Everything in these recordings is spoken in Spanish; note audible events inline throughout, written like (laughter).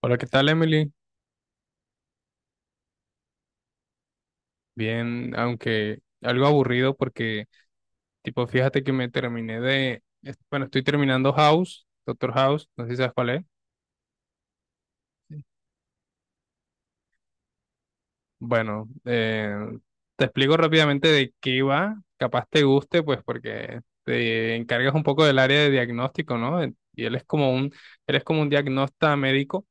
Hola, ¿qué tal, Emily? Bien, aunque algo aburrido porque, tipo, fíjate que me terminé de, es- bueno, estoy terminando House, Doctor House, no sé si sabes cuál es. Bueno, te explico rápidamente de qué va, capaz te guste, pues porque te encargas un poco del área de diagnóstico, ¿no? Y él es como un diagnasta médico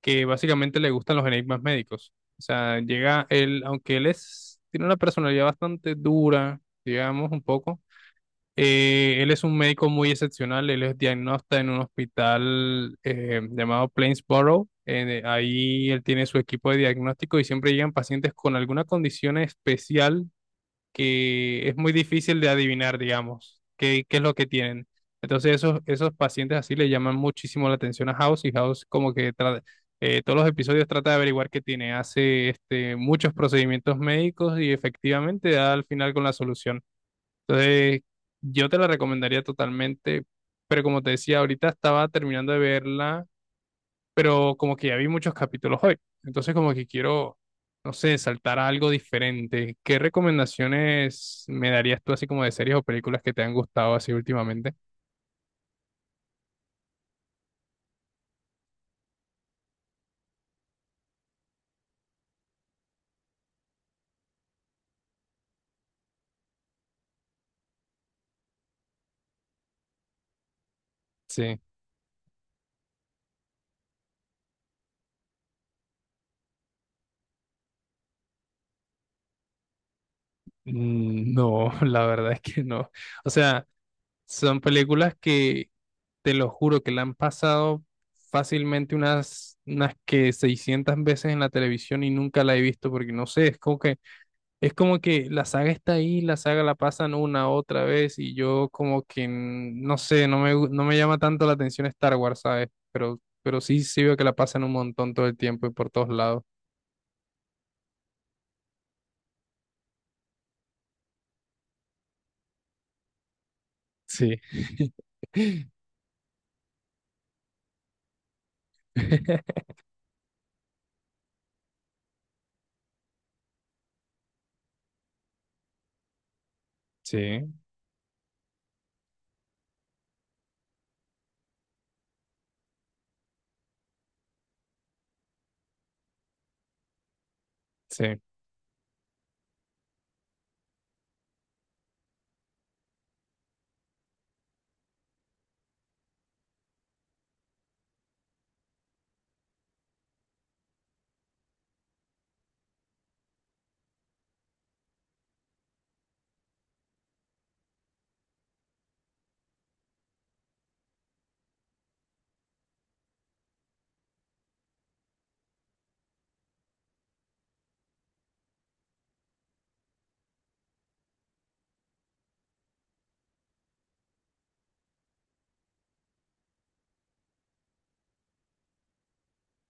que básicamente le gustan los enigmas médicos. O sea, llega él, aunque él es, tiene una personalidad bastante dura, digamos, un poco. Él es un médico muy excepcional, él es diagnóstico en un hospital llamado Plainsboro. Ahí él tiene su equipo de diagnóstico y siempre llegan pacientes con alguna condición especial que es muy difícil de adivinar, digamos, qué es lo que tienen. Entonces esos pacientes así le llaman muchísimo la atención a House, y House como que todos los episodios trata de averiguar qué tiene, hace este, muchos procedimientos médicos y efectivamente da al final con la solución. Entonces, yo te la recomendaría totalmente, pero como te decía, ahorita estaba terminando de verla, pero como que ya vi muchos capítulos hoy. Entonces, como que quiero, no sé, saltar a algo diferente. ¿Qué recomendaciones me darías tú así como de series o películas que te han gustado así últimamente? Sí. Mm, no, (laughs) la verdad es que no. O sea, son películas que te lo juro que la han pasado fácilmente unas que 600 veces en la televisión y nunca la he visto porque no sé, es como que la saga está ahí, la saga la pasan una otra vez y yo como que no sé, no me llama tanto la atención Star Wars, ¿sabes? Pero sí, sí veo que la pasan un montón todo el tiempo y por todos lados. Sí. (laughs) Sí, sí,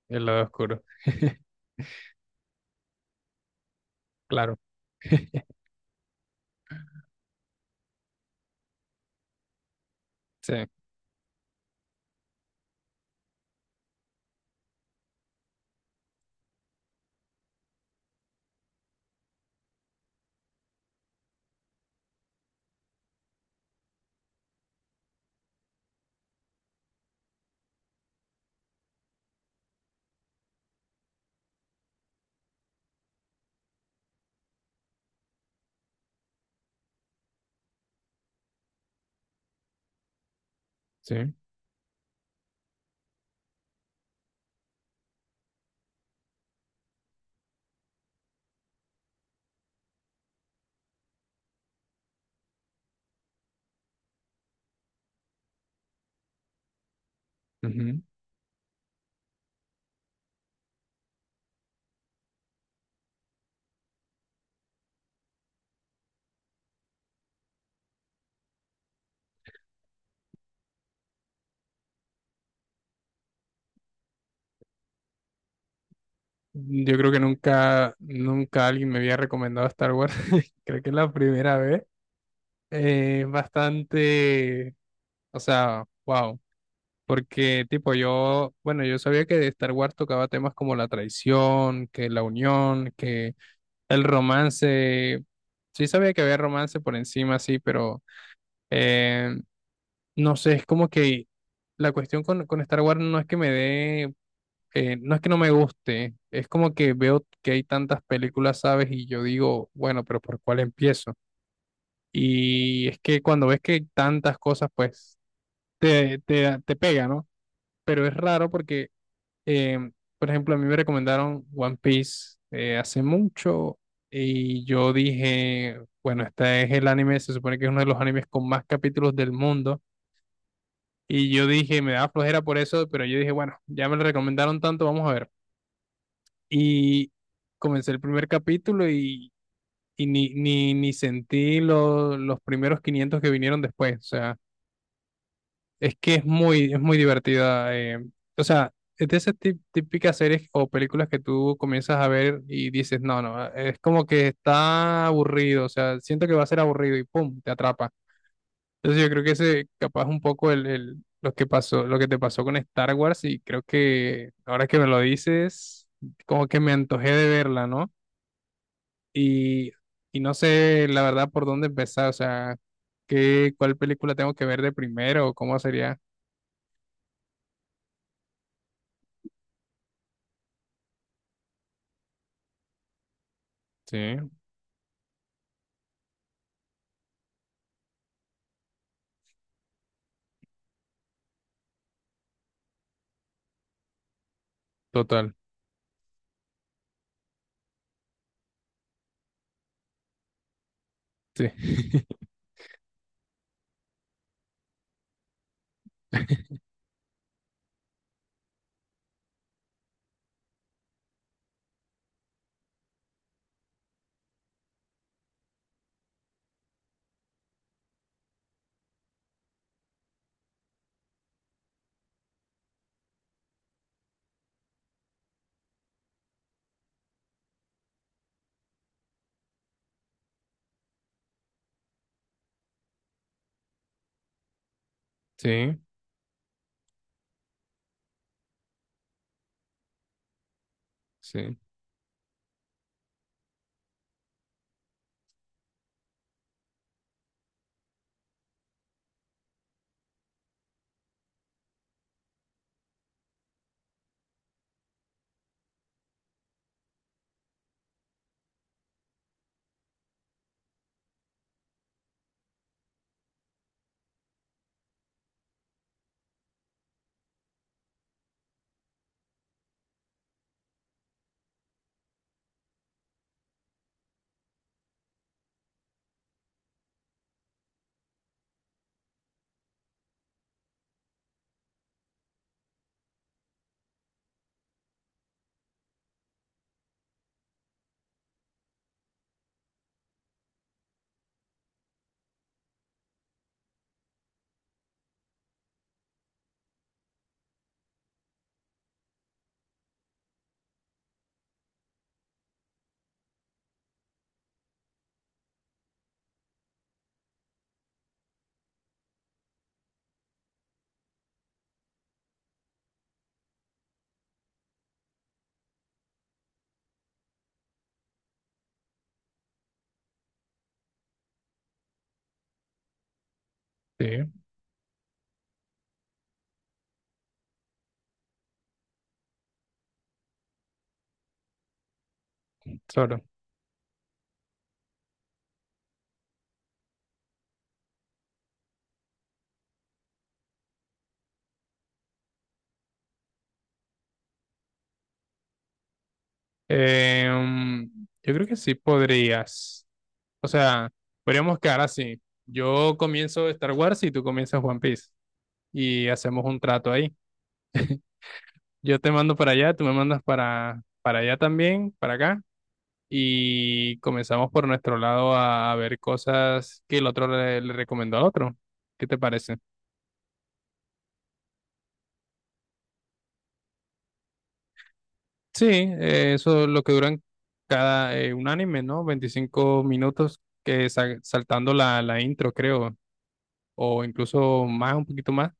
el lado oscuro, claro. (laughs) Sí, sí. Ujú. Yo creo que nunca, nunca alguien me había recomendado Star Wars. (laughs) Creo que es la primera vez. Es bastante, o sea, wow. Porque, tipo, yo, bueno, yo sabía que de Star Wars tocaba temas como la traición, que la unión, que el romance. Sí sabía que había romance por encima, sí, pero eh, no sé, es como que la cuestión con Star Wars no es que me dé, no es que no me guste, es como que veo que hay tantas películas, ¿sabes? Y yo digo, bueno, pero ¿por cuál empiezo? Y es que cuando ves que hay tantas cosas, pues te pega, ¿no? Pero es raro porque, em, por ejemplo, a mí me recomendaron One Piece hace mucho, y yo dije, bueno, este es el anime, se supone que es uno de los animes con más capítulos del mundo. Y yo dije, me da flojera por eso, pero yo dije, bueno, ya me lo recomendaron tanto, vamos a ver. Y comencé el primer capítulo, y ni sentí los primeros 500 que vinieron después. O sea, es muy divertida. O sea, es de esas típicas series o películas que tú comienzas a ver y dices, no, no, es como que está aburrido. O sea, siento que va a ser aburrido y pum, te atrapa. Entonces yo creo que ese capaz un poco lo que pasó, lo que te pasó con Star Wars, y creo que ahora que me lo dices, como que me antojé de verla, ¿no? Y, y no sé la verdad por dónde empezar, o sea, cuál película tengo que ver de primero o cómo sería. Sí, total. Sí, (laughs) sí, sí, sí, solo. Em, yo creo que sí podrías. O sea, podríamos quedar así. Yo comienzo Star Wars y tú comienzas One Piece. Y hacemos un trato ahí. Yo te mando para allá, tú me mandas para allá también, para acá. Y comenzamos por nuestro lado a ver cosas que el otro le recomendó al otro. ¿Qué te parece? Sí, eso es lo que duran cada un anime, ¿no? 25 minutos que saltando la intro, creo, o incluso más, un poquito más.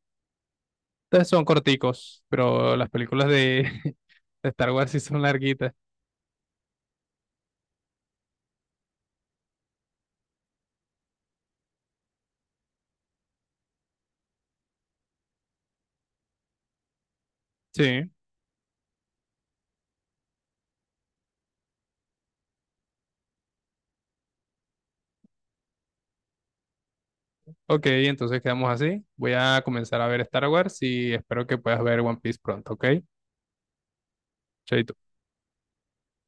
Entonces son corticos, pero las películas de, (laughs) de Star Wars sí son larguitas. Sí, ok, entonces quedamos así. Voy a comenzar a ver Star Wars y espero que puedas ver One Piece pronto, ¿ok? Chaito.